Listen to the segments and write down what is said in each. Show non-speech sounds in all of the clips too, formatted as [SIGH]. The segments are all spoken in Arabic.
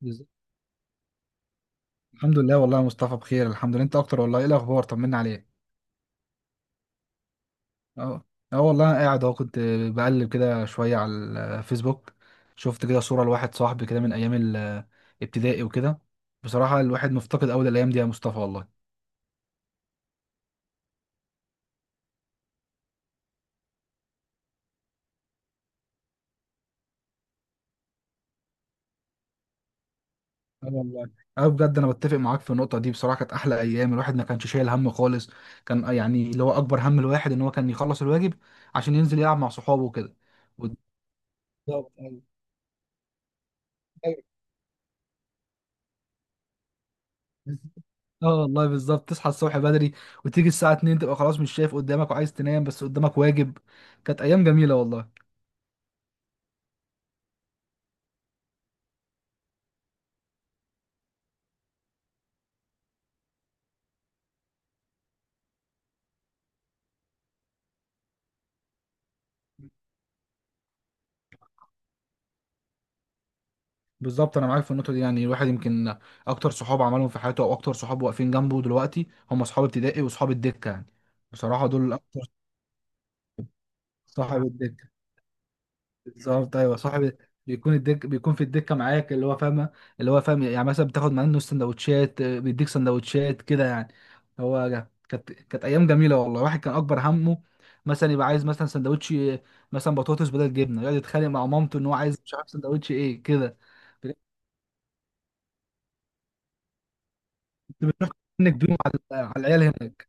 بز- الحمد لله والله يا مصطفى، بخير الحمد لله. انت اكتر والله. ايه الاخبار؟ طمنا عليك. اه، اه والله انا قاعد اهو، كنت بقلب كده شويه على الفيسبوك، شفت كده صوره لواحد صاحبي كده من ايام الابتدائي وكده. بصراحه الواحد مفتقد قوي الايام دي يا مصطفى والله. اه والله. اه بجد انا بتفق معاك في النقطه دي. بصراحه كانت احلى ايام، الواحد ما كانش شايل هم خالص. كان يعني اللي هو اكبر هم الواحد ان هو كان يخلص الواجب عشان ينزل يلعب مع صحابه وكده. بالظبط. اه والله بالظبط، تصحى الصبح بدري وتيجي الساعة 2 تبقى خلاص مش شايف قدامك وعايز تنام بس قدامك واجب. كانت أيام جميلة والله. بالظبط أنا معاك في النقطة دي. يعني الواحد يمكن أكتر صحاب عملهم في حياته أو أكتر صحاب واقفين جنبه دلوقتي هم صحاب ابتدائي وصحاب الدكة يعني. بصراحة دول أكتر. صحاب الدكة. بالظبط ايوه، صاحب بيكون في الدكه معاك اللي هو فاهم، يعني مثلا بتاخد منه سندوتشات، بيديك سندوتشات كده يعني. كانت ايام جميله والله. الواحد كان اكبر همه مثلا يبقى عايز مثلا سندوتش، مثلا بطاطس بدل جبنه، يقعد يتخانق مع مامته ان هو عايز، مش عارف سندوتش ايه كده. بجد. كنت بتروح انك ديون على العيال هناك.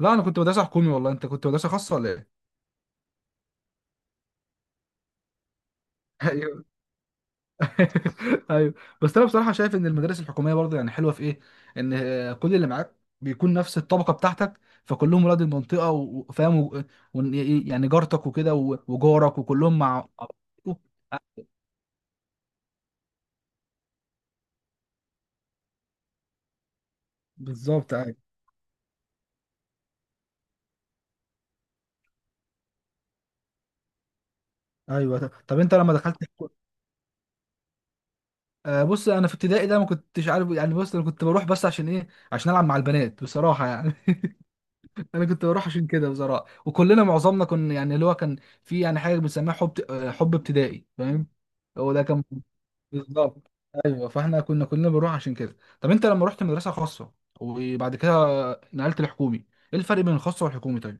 لا انا كنت مدرسه حكومي والله، انت كنت مدرسه خاصه ولا ايه؟ [LAUGHS] [LAUGHS] ايوه. بس انا بصراحه شايف ان المدارس الحكوميه برضه يعني حلوه في ايه، ان كل اللي معاك بيكون نفس الطبقه بتاعتك، فكلهم ولاد المنطقه وفاهم و- يعني جارتك وكده وجارك وكلهم مع. بالظبط، ايوه، ايوه طب انت لما دخلت بص انا في ابتدائي ده ما كنتش عارف يعني. بص انا كنت بروح بس عشان ايه؟ عشان العب مع البنات بصراحه يعني [LAUGHS] انا كنت بروح عشان كده بصراحه، وكلنا معظمنا كنا يعني اللي هو كان في يعني حاجه بنسميها حب، حب ابتدائي فاهم. هو ده كان. بالظبط ايوه، فاحنا كنا بنروح عشان كده. طب انت لما رحت مدرسه خاصه وبعد كده نقلت الحكومي، ايه الفرق بين الخاصه والحكومي طيب؟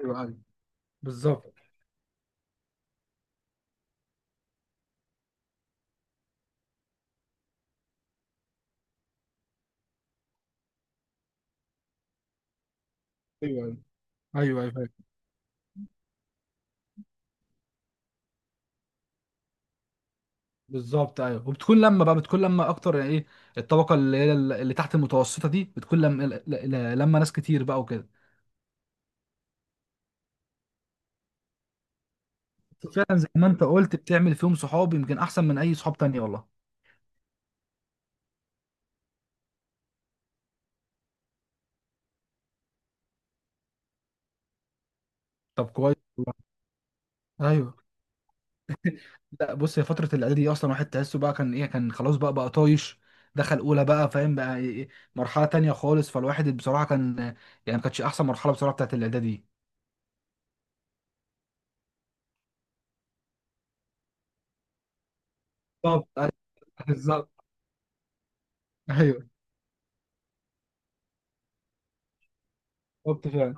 ايوه، ايوه، بالظبط، ايوه، ايوه، ايوه، ايوه فاهم. بالظبط ايوه. وبتكون لما بقى بتكون لما اكتر يعني ايه الطبقه، اللي هي اللي تحت المتوسطه دي بتكون لما لما ناس كتير بقى وكده. فعلا زي ما انت قلت بتعمل فيهم صحاب يمكن احسن من اي صحاب تانية والله. طب كويس والله. ايوه. لا بص هي فترة الإعداد دي أصلا واحد تحسه بقى كان إيه، كان خلاص بقى طايش. دخل أولى بقى فاهم بقى إيه، مرحلة تانية خالص. فالواحد بصراحة كان يعني ما كانتش أحسن مرحلة بصراحة بتاعت الإعداد دي. بالظبط أيوة، بالظبط ايوه، بالظبط فعلا،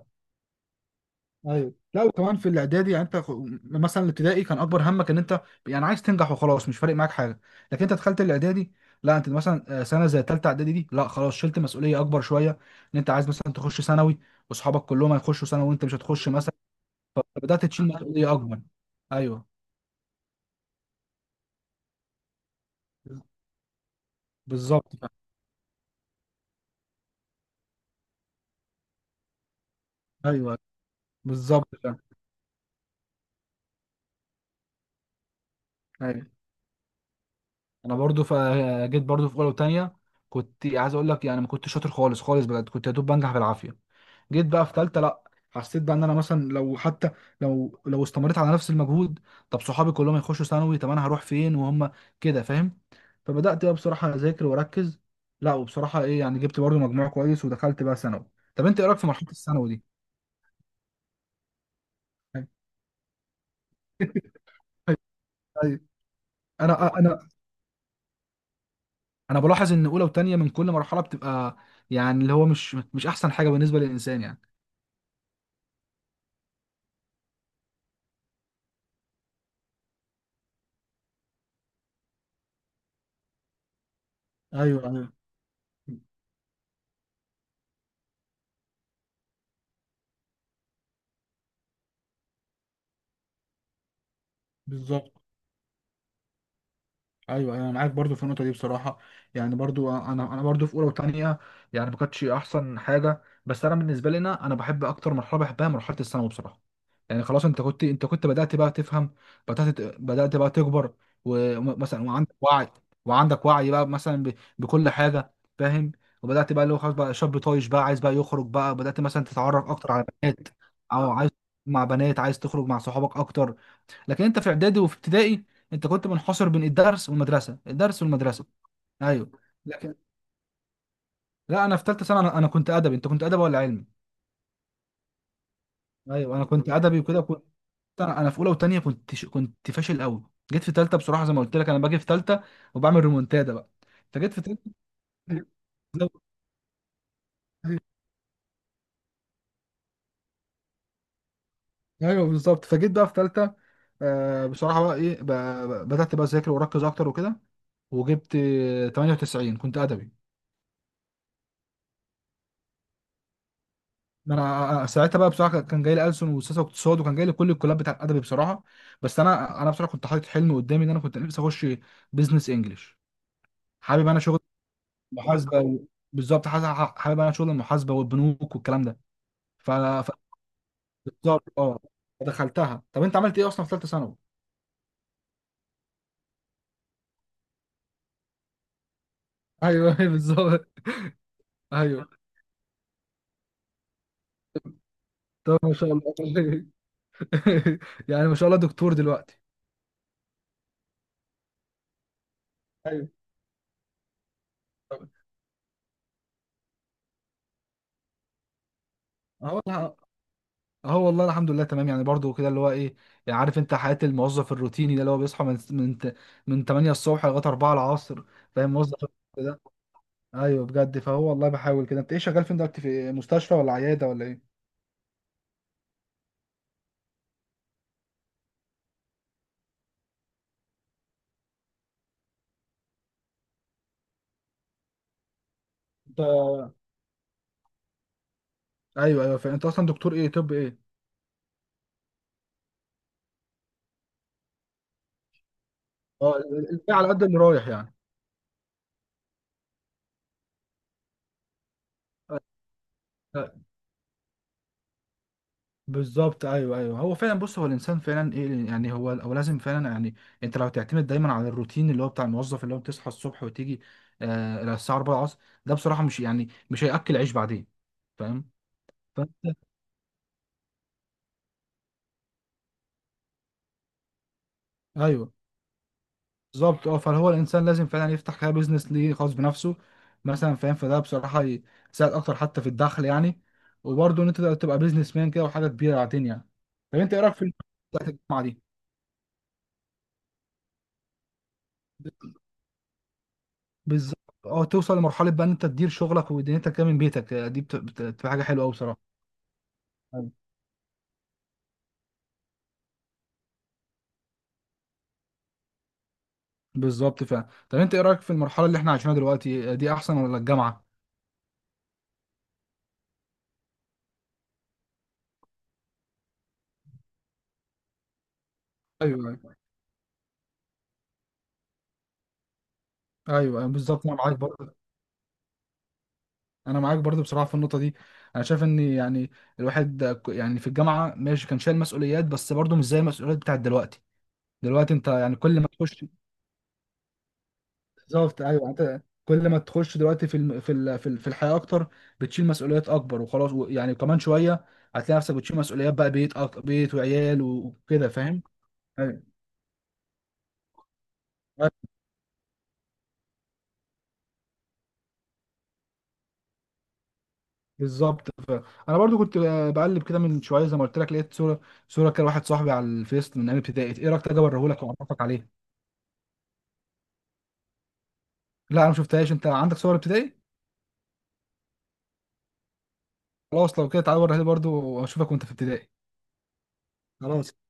ايوه. لا وكمان في الاعدادي يعني انت مثلا الابتدائي كان اكبر همك ان انت يعني عايز تنجح وخلاص، مش فارق معاك حاجه. لكن انت دخلت الاعدادي، لا انت مثلا سنه زي ثالثه اعدادي دي، لا خلاص شلت مسؤوليه اكبر شويه، ان انت عايز مثلا تخش ثانوي، واصحابك كلهم هيخشوا ثانوي وانت مش هتخش. فبدأت تشيل مسؤولية أكبر. أيوه بالظبط فعلا. أيوه بالظبط فعلا. أيوه. أنا برضو فجيت برضو في أولى وتانية، كنت عايز أقول لك يعني ما كنتش شاطر خالص خالص بجد. كنت يا دوب بنجح بالعافية. جيت بقى في تالتة لأ. حسيت بقى إن أنا مثلا لو حتى لو استمريت على نفس المجهود، طب صحابي كلهم يخشوا ثانوي طب أنا هروح فين وهم كده فاهم. فبدأت بقى بصراحة أذاكر وأركز، لأ وبصراحة إيه يعني، جبت برضو مجموع كويس ودخلت بقى ثانوي. طب أنت إيه رأيك في مرحلة الثانوي دي؟ [LAUGHS] ايوه. انا انا انا بلاحظ ان اولى وتانية من كل مرحله بتبقى يعني اللي هو مش احسن حاجه بالنسبه للانسان يعني. ايوه، ايوه، بالظبط ايوه، أيوة، انا معاك برضو في النقطه دي بصراحه. يعني برضو انا برضو في اولى وثانيه، يعني ما كانتش احسن حاجه. بس انا بالنسبه لنا انا بحب اكتر مرحله بحبها مرحله الثانوي بصراحه. يعني خلاص انت كنت بدات بقى تفهم، بدات بقى تكبر، ومثلا وعندك وعي، وعندك وعي بقى مثلا بكل حاجه فاهم. وبدات بقى اللي هو خلاص بقى شاب طايش بقى عايز بقى يخرج بقى، بدات مثلا تتعرف اكتر على بنات، او عايز مع بنات، عايز تخرج مع صحابك اكتر. لكن انت في اعدادي وفي ابتدائي انت كنت منحصر بين الدرس والمدرسه، الدرس والمدرسه. ايوه لكن. لا انا في ثالثه سنه أنا كنت ادبي، انت كنت ادبي ولا علمي؟ ايوه انا كنت ادبي وكده كنت. انا في اولى وثانيه كنت كنت فاشل قوي. جيت في ثالثه بصراحه زي ما قلت لك، انا باجي في ثالثه وبعمل ريمونتادا بقى. فجيت في ثالثه. [LAUGHS] ايوه بالظبط فجيت بقى في ثالثه. آه بصراحه بقى ايه، بقى بدات بقى اذاكر واركز اكتر وكده، وجبت 98 كنت ادبي. ما انا ساعتها بقى بصراحه كان جاي لي ألسن وسياسه واقتصاد، وكان جاي لي كل الكلاب بتاع الادبي بصراحه. بس انا بصراحه كنت حاطط حلم قدامي، ان انا كنت نفسي اخش بزنس انجلش. حابب انا شغل المحاسبه بالظبط. حابب انا شغل المحاسبه والبنوك والكلام ده. ف ف- بالظبط اه. دخلتها. طب انت عملت ايه اصلا في ثالثه ثانوي؟ ايوه [LAUGHS] بالظبط ايوه. طب ما شاء الله [LAUGHS] يعني ما شاء الله دكتور دلوقتي. ايوه اه، اه والله الحمد لله تمام. يعني برضو كده اللي هو ايه، يعني عارف انت حياة الموظف الروتيني ده اللي هو بيصحى من 8 الصبح لغاية 4 العصر فاهم، موظف ده. ايوه بجد. فهو والله بحاول كده. انت ايه شغال فين دلوقتي، في مستشفى ولا عيادة ولا ايه؟ انت. ايوه ايوه فاهم. انت اصلا دكتور ايه طب ايه؟ اه. الباقي على قد اللي رايح يعني. بالظبط ايوه، ايوه هو فعلا، بص هو الانسان فعلا ايه يعني، هو لازم فعلا يعني انت لو تعتمد دايما على الروتين اللي هو بتاع الموظف، اللي هو بتصحى الصبح وتيجي آه إلى الساعه 4 العصر، ده بصراحه مش يعني مش هياكل عيش بعدين فاهم. فانت. ايوه بالظبط اه، فهو الانسان لازم فعلا يفتح كده بيزنس ليه خاص بنفسه مثلا فاهم، فده بصراحه يساعد اكتر حتى في الدخل يعني. وبرضه ان انت تبقى بيزنس مان كده وحاجه كبيره بعدين يعني. طب انت ايه رايك في المجتمع دي؟ بالظبط اه. توصل لمرحله بقى ان انت تدير شغلك ودنيتك كده من بيتك، دي بتبقى حاجه حلوه قوي بصراحه. ايوه بالظبط فعلا. طب انت ايه رايك في المرحله اللي احنا عايشينها دلوقتي، دي احسن ولا الجامعه؟ ايوه أيوة. ايوه أيوة، بالظبط انا معاك برضه. انا معاك برضه بصراحه في النقطه دي. انا شايف ان يعني الواحد يعني في الجامعه ماشي كان شايل مسؤوليات، بس برضه مش زي المسؤوليات بتاعت دلوقتي. دلوقتي انت يعني كل ما تخش. بالظبط ايوه. يعني انت كل ما تخش دلوقتي في الم... في ال... في ال- في الحياه اكتر، بتشيل مسؤوليات اكبر وخلاص يعني كمان شويه هتلاقي نفسك بتشيل مسؤوليات بقى، بيت بيت وعيال وكده فاهم. أيوة. أيوة، بالظبط. انا برضو كنت بقلب كده من شويه زي ما قلت لك، لقيت صوره كده واحد صاحبي على الفيس من ايام ابتدائي، ايه رايك تيجي اوريهولك واعرفك عليه؟ لا انا ما شفتهاش. انت عندك صور ابتدائي؟ خلاص لو كده تعالى اوريها لي برضو واشوفك وانت في ابتدائي. خلاص.